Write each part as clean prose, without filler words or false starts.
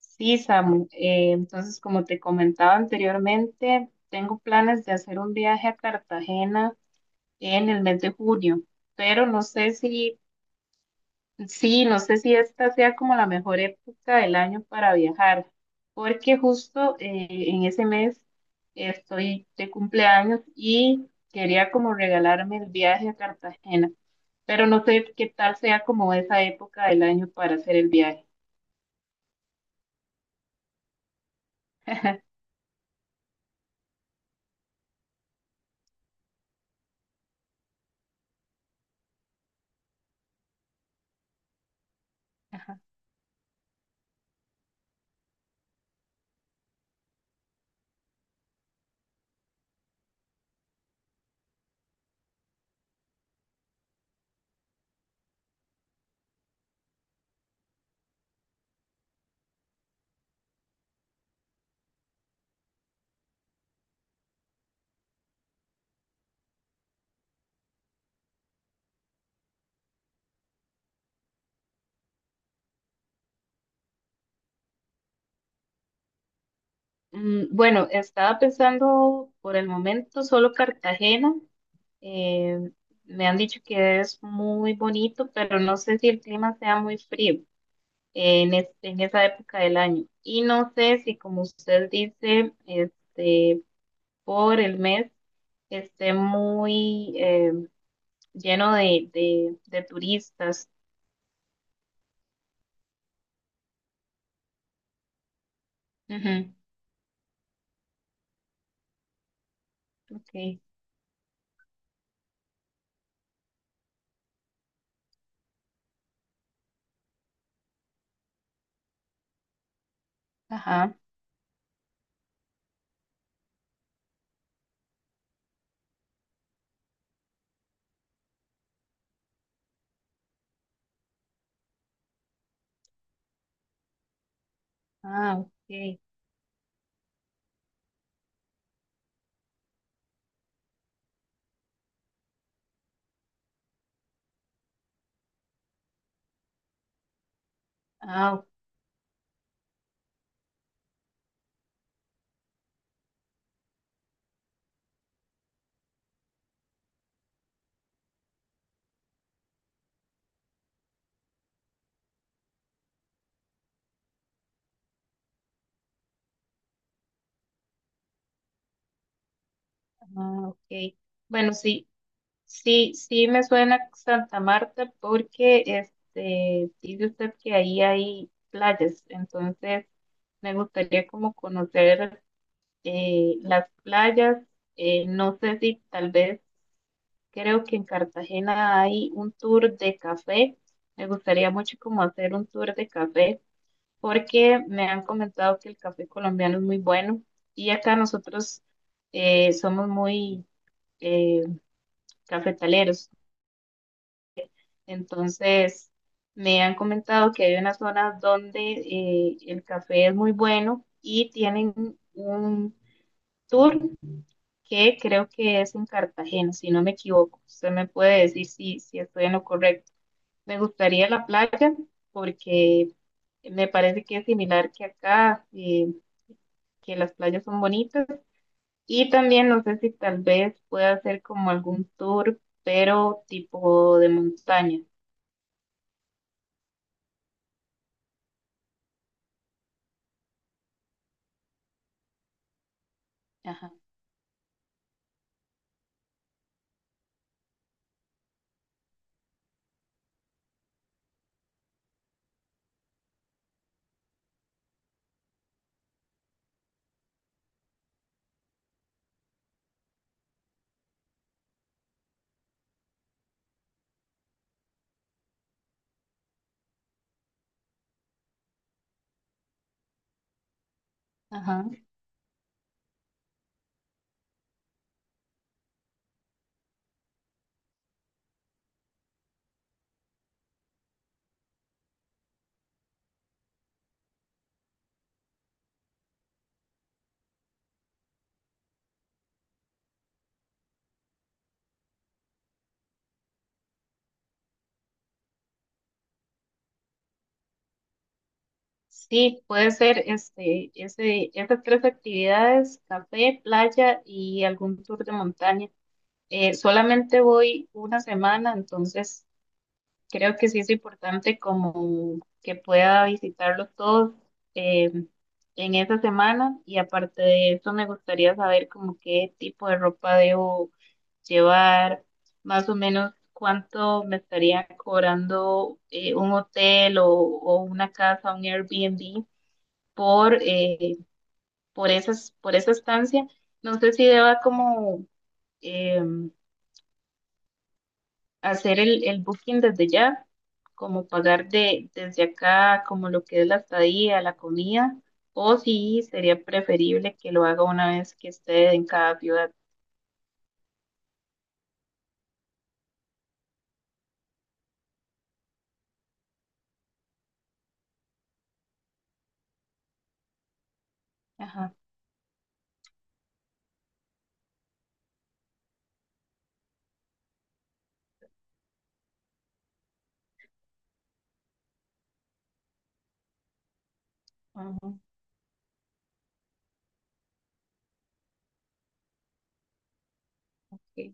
Sí, Samu. Entonces, como te comentaba anteriormente, tengo planes de hacer un viaje a Cartagena en el mes de junio, pero no sé si esta sea como la mejor época del año para viajar, porque justo en ese mes estoy de cumpleaños y quería como regalarme el viaje a Cartagena, pero no sé qué tal sea como esa época del año para hacer el viaje. Bueno, estaba pensando por el momento solo Cartagena. Eh, Me han dicho que es muy bonito, pero no sé si el clima sea muy frío en esa época del año. Y no sé si, como usted dice, este, por el mes esté muy lleno de turistas. Ujú, ok, ajá, ah, ok, ah, ah, ok. Bueno, sí. Sí, sí me suena Santa Marta porque este dice usted que ahí hay playas, entonces me gustaría como conocer las playas. No sé si tal vez creo que en Cartagena hay un tour de café. Me gustaría mucho como hacer un tour de café porque me han comentado que el café colombiano es muy bueno y acá nosotros somos muy eh, cafetaleros. Entonces, me han comentado que hay unas zonas donde el café es muy bueno y tienen un tour que creo que es en Cartagena, si no me equivoco. Usted me puede decir si estoy en lo correcto. Me gustaría la playa porque me parece que es similar que acá, que las playas son bonitas. Y también no sé si tal vez pueda hacer como algún tour, pero tipo de montaña. Ajá, ajá. Sí, puede ser esas tres actividades, café, playa y algún tour de montaña. Solamente voy una semana, entonces creo que sí es importante como que pueda visitarlo todo eh, en esa semana y aparte de eso me gustaría saber como qué tipo de ropa debo llevar, más o menos cuánto me estaría cobrando un hotel o una casa, un Airbnb por, eh, por por esa estancia. No sé si deba como eh, hacer el booking desde ya, como pagar desde acá, como lo que es la estadía, la comida, o si sería preferible que lo haga una vez que esté en cada ciudad. Ajá, ajá, ok.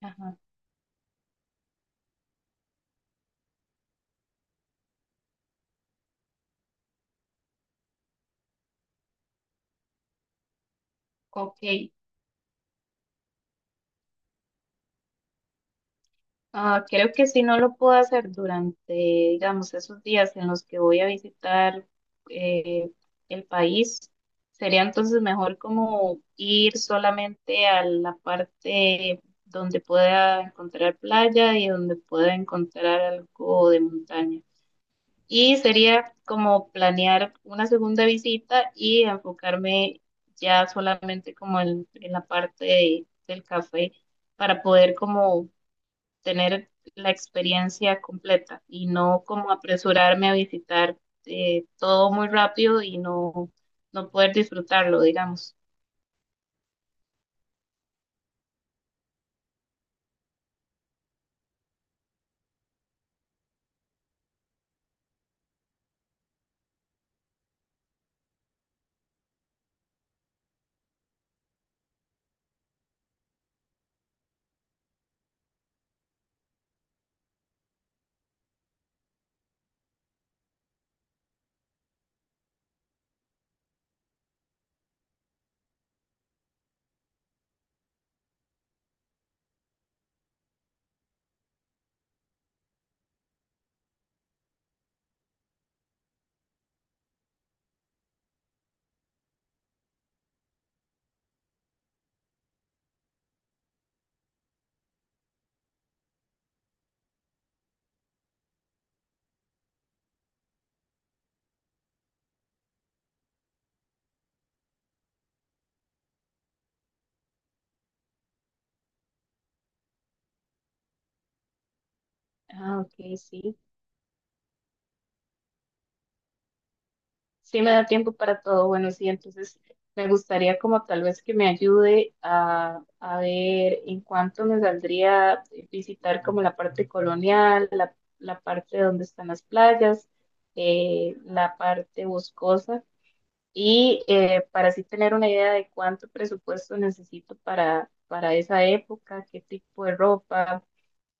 Ajá. Ok. Ah, creo que si no lo puedo hacer durante, digamos, esos días en los que voy a visitar eh, el país, sería entonces mejor como ir solamente a la parte donde pueda encontrar playa y donde pueda encontrar algo de montaña. Y sería como planear una segunda visita y enfocarme ya solamente como en la parte de- del café para poder como tener la experiencia completa y no como apresurarme a visitar todo muy rápido y no poder disfrutarlo, digamos. Ah, ok, sí. Sí me da tiempo para todo. Bueno, sí, entonces me gustaría como tal vez que me ayude a ver en cuánto me saldría visitar como la parte colonial, la parte donde están las playas, la parte boscosa. Y para así tener una idea de cuánto presupuesto necesito para esa época, qué tipo de ropa,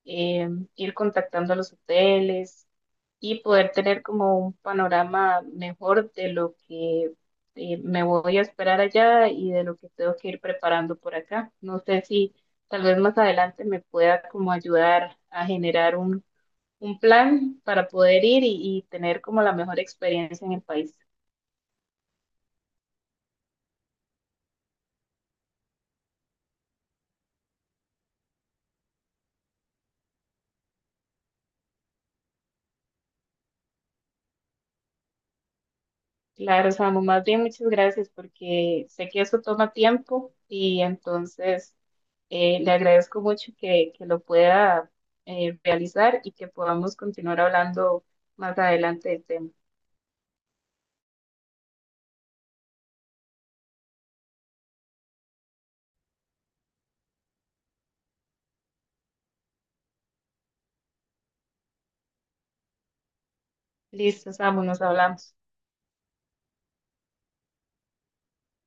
eh, ir contactando a los hoteles y poder tener como un panorama mejor de lo que me voy a esperar allá y de lo que tengo que ir preparando por acá. No sé si tal vez más adelante me pueda como ayudar a generar un plan para poder ir y tener como la mejor experiencia en el país. Claro, Samu, más bien muchas gracias porque sé que eso toma tiempo y entonces le agradezco mucho que lo pueda realizar y que podamos continuar hablando más adelante del tema. Listo, Samu, nos hablamos.